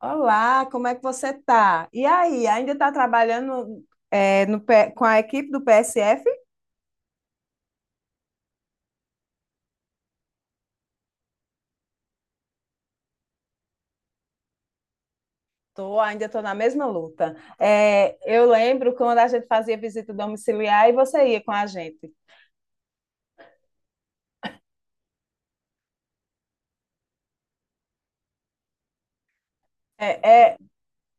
Olá, como é que você tá? E aí, ainda está trabalhando no P- com a equipe do PSF? Tô, ainda estou na mesma luta. Eu lembro quando a gente fazia visita domiciliar e você ia com a gente. É, é,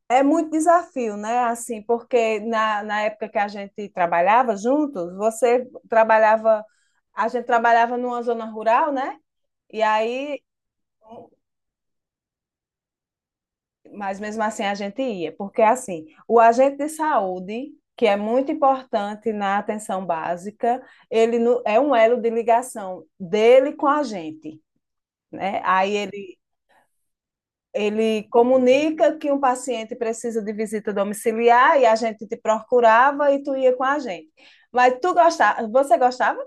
É muito desafio, né? Assim, porque na época que a gente trabalhava juntos, a gente trabalhava numa zona rural, né? E aí mas mesmo assim a gente ia, porque assim, o agente de saúde, que é muito importante na atenção básica, ele no- é um elo de ligação dele com a gente, né? Aí ele Ele comunica que um paciente precisa de visita domiciliar e a gente te procurava e tu ia com a gente. Mas tu gostava, você gostava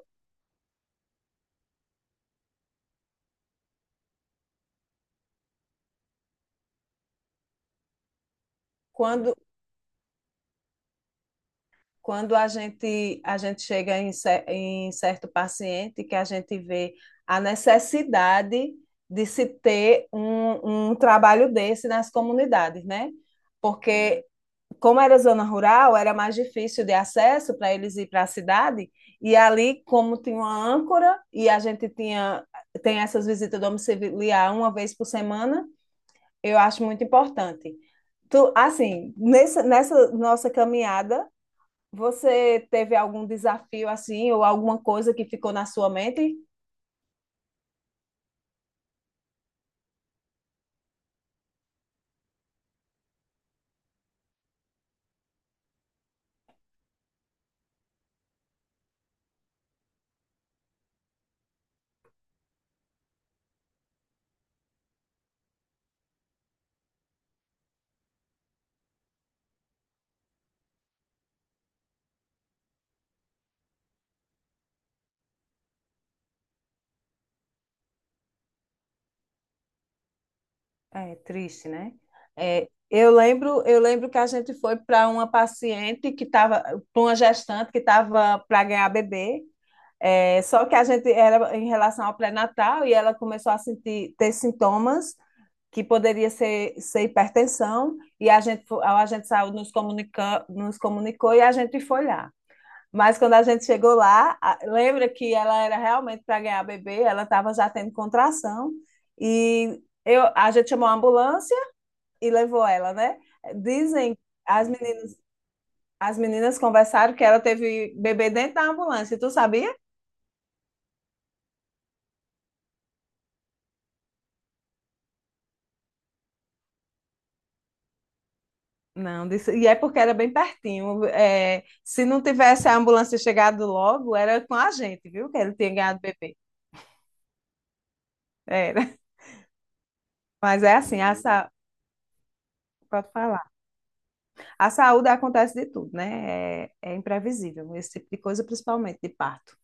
quando quando a gente chega em, em certo paciente que a gente vê a necessidade de se ter um trabalho desse nas comunidades, né? Porque, como era zona rural, era mais difícil de acesso para eles ir para a cidade, e ali, como tinha uma âncora, tem essas visitas domiciliar uma vez por semana, eu acho muito importante. Tu, assim, nessa nossa caminhada, você teve algum desafio assim, ou alguma coisa que ficou na sua mente? É triste, né? Eu lembro que a gente foi para uma gestante que estava para ganhar bebê. É, só que a gente era em relação ao pré-natal e ela começou a sentir ter sintomas que poderia ser hipertensão e a gente saiu nos comunicou e a gente foi lá. Mas quando a gente chegou lá, lembra que ela era realmente para ganhar bebê, ela estava já tendo contração e a gente chamou a ambulância e levou ela, né? Dizem, as meninas, as meninas conversaram que ela teve bebê dentro da ambulância, tu sabia? Não, disse, e é porque era bem pertinho. É, se não tivesse a ambulância chegado logo, era com a gente, viu? Que ele tinha ganhado bebê. Era. Mas é assim, essa, pode falar. A saúde acontece de tudo, né? É, é imprevisível, esse tipo de coisa, principalmente de parto.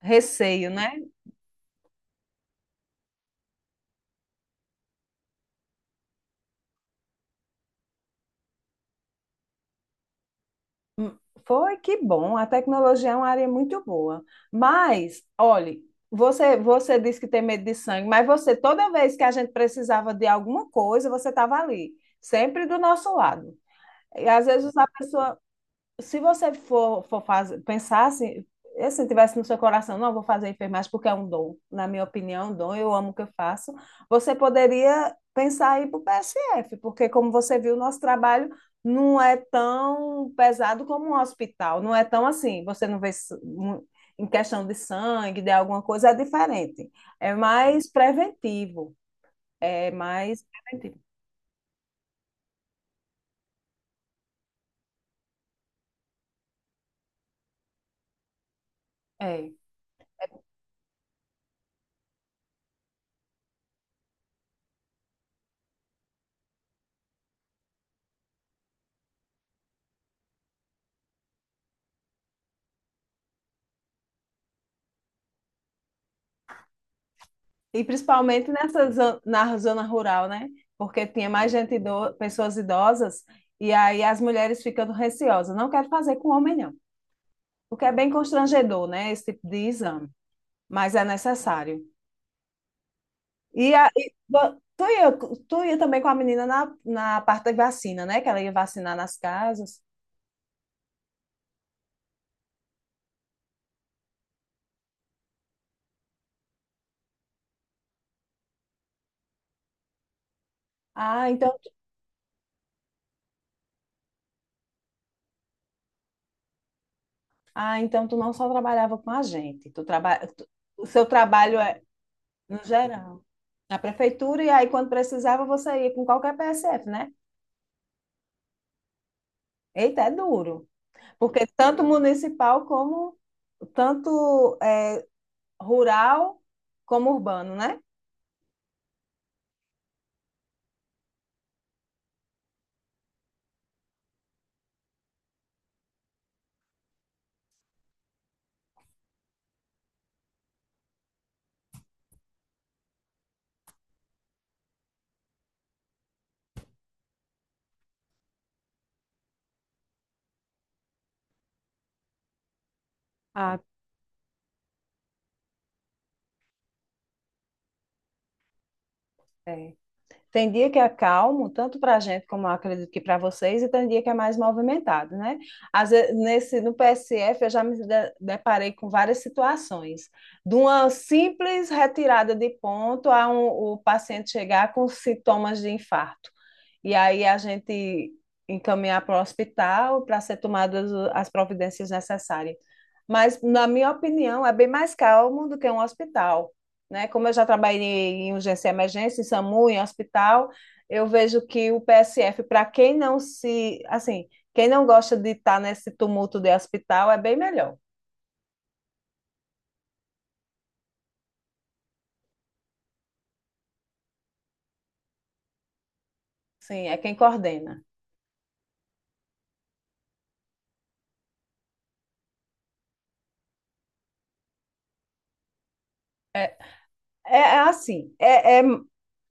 Receio, né? Foi que bom, a tecnologia é uma área muito boa. Mas, olhe, você disse que tem medo de sangue, mas você, toda vez que a gente precisava de alguma coisa, você estava ali, sempre do nosso lado. E às vezes a pessoa, se você for fazer, pensar assim, assim, tivesse no seu coração, não, vou fazer enfermagem porque é um dom, na minha opinião, é um dom, eu amo o que eu faço, você poderia pensar aí para o PSF, porque como você viu, o nosso trabalho não é tão pesado como um hospital, não é tão assim, você não vê em questão de sangue, de alguma coisa, é diferente, é mais preventivo, é mais preventivo. É. E principalmente nessa na zona rural, né? Porque tinha mais gente, pessoas idosas, e aí as mulheres ficando receosas. Não quero fazer com homem, não. O que é bem constrangedor, né? Esse tipo de exame. Mas é necessário. E, a, e vo- tu ia também com a menina na parte da vacina, né? Que ela ia vacinar nas casas. Ah, então, ah, então tu não só trabalhava com a gente. O seu trabalho é no geral. Na prefeitura, e aí quando precisava, você ia com qualquer PSF, né? Eita, é duro. Porque tanto municipal como tanto é, rural como urbano, né? Ah, é. Tem dia que é calmo, tanto para a gente como eu acredito que para vocês, e tem dia que é mais movimentado, né? Às vezes, nesse, no PSF, eu já deparei com várias situações, de uma simples retirada de ponto a o paciente chegar com sintomas de infarto. E aí a gente encaminhar para o hospital para ser tomadas as providências necessárias. Mas, na minha opinião, é bem mais calmo do que um hospital, né? Como eu já trabalhei em urgência e emergência, em SAMU, em hospital, eu vejo que o PSF, para quem não se, assim, quem não gosta de estar nesse tumulto de hospital, é bem melhor. Sim, é quem coordena. É, É é assim, é, é-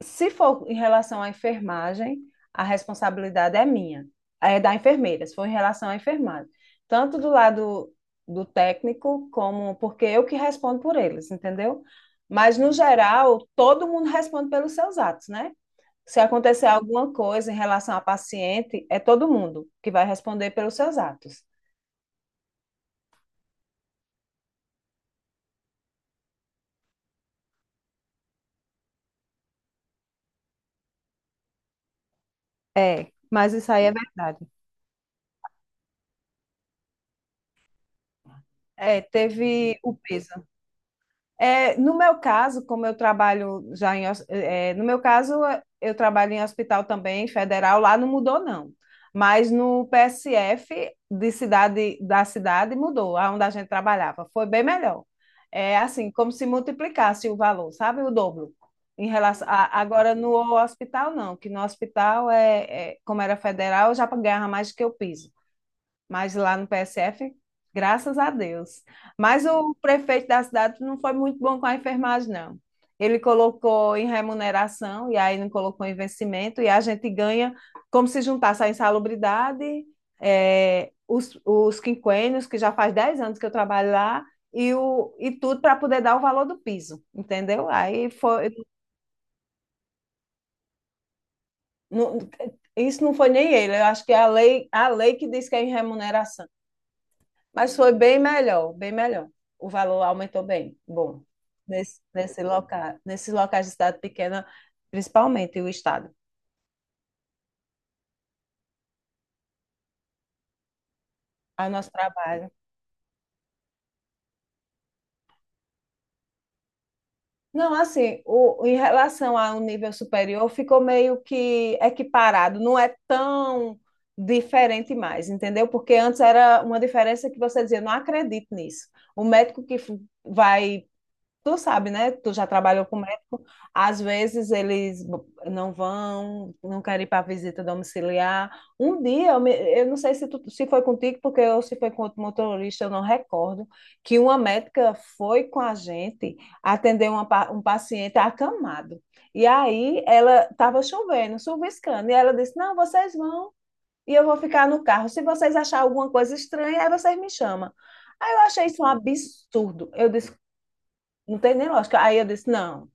se for em relação à enfermagem, a responsabilidade é minha, é da enfermeira, se for em relação à enfermagem. Tanto do lado do técnico, como porque eu que respondo por eles, entendeu? Mas, no geral, todo mundo responde pelos seus atos, né? Se acontecer alguma coisa em relação à paciente, é todo mundo que vai responder pelos seus atos. É, mas isso aí é verdade. É, teve o peso. É, no meu caso, como eu trabalho já em, hos- é, no meu caso, eu trabalho em hospital também, federal, lá não mudou, não. Mas no PSF de cidade, da cidade mudou, aonde a gente trabalhava. Foi bem melhor. É assim, como se multiplicasse o valor, sabe? O dobro. Agora no hospital, não, que no hospital como era federal, eu já ganhava mais do que eu piso, mas lá no PSF, graças a Deus. Mas o prefeito da cidade não foi muito bom com a enfermagem, não. Ele colocou em remuneração e aí não colocou em vencimento, e a gente ganha como se juntasse a insalubridade, os quinquênios, que já faz 10 anos que eu trabalho lá, e tudo para poder dar o valor do piso, entendeu? Aí foi. Não, isso não foi nem ele, eu acho que é a lei que diz que é em remuneração. Mas foi bem melhor, bem melhor. O valor aumentou bem. Bom, nesse local, nesses locais de cidade pequena, principalmente o estado, ao nosso trabalho. Não, assim, em relação a um nível superior, ficou meio que equiparado, não é tão diferente mais, entendeu? Porque antes era uma diferença que você dizia, não acredito nisso. O médico que f- vai Tu sabe, né? Tu já trabalhou com médico. Às vezes eles não querem ir para visita domiciliar. Um dia, eu não sei se foi contigo, porque eu, se foi com outro motorista, eu não recordo, que uma médica foi com a gente atender um paciente acamado. E aí ela estava chovendo, chuviscando, e ela disse: Não, vocês vão, e eu vou ficar no carro. Se vocês acharem alguma coisa estranha, aí vocês me chamam. Aí eu achei isso um absurdo. Eu disse, não tem nem lógica. Aí eu disse, não,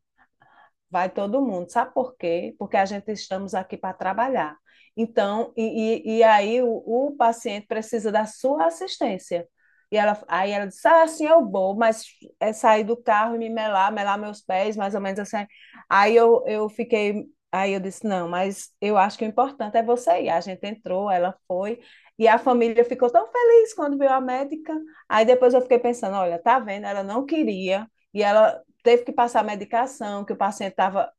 vai todo mundo. Sabe por quê? Porque a gente estamos aqui para trabalhar. Então, o paciente precisa da sua assistência. Aí ela disse, ah, assim eu vou, mas é sair do carro e me melar, melar meus pés, mais ou menos assim. Eu fiquei, aí eu disse, não, mas eu acho que o importante é você ir. A gente entrou, ela foi, e a família ficou tão feliz quando viu a médica. Aí depois eu fiquei pensando, olha, tá vendo, ela não queria, e ela, teve que passar medicação, que o paciente estava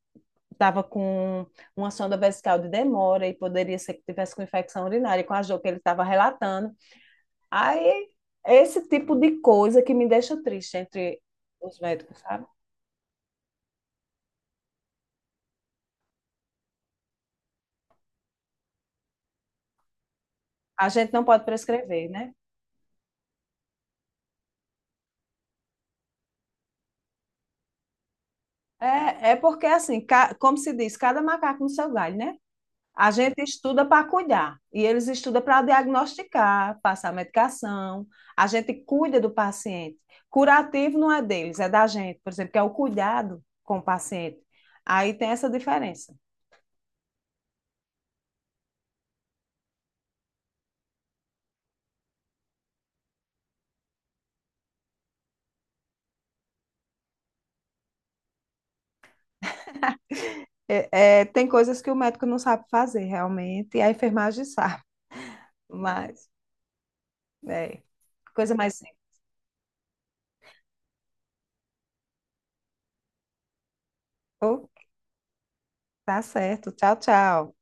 estava com uma sonda vesical de demora e poderia ser que tivesse com infecção urinária, com a dor que ele estava relatando. Aí, esse tipo de coisa que me deixa triste entre os médicos, sabe? A gente não pode prescrever, né? É, é porque, assim, como se diz, cada macaco no seu galho, né? A gente estuda para cuidar e eles estudam para diagnosticar, passar medicação. A gente cuida do paciente. Curativo não é deles, é da gente, por exemplo, que é o cuidado com o paciente. Aí tem essa diferença. Tem coisas que o médico não sabe fazer realmente e a enfermagem sabe, mas é coisa mais simples. Tá certo. Tchau, tchau.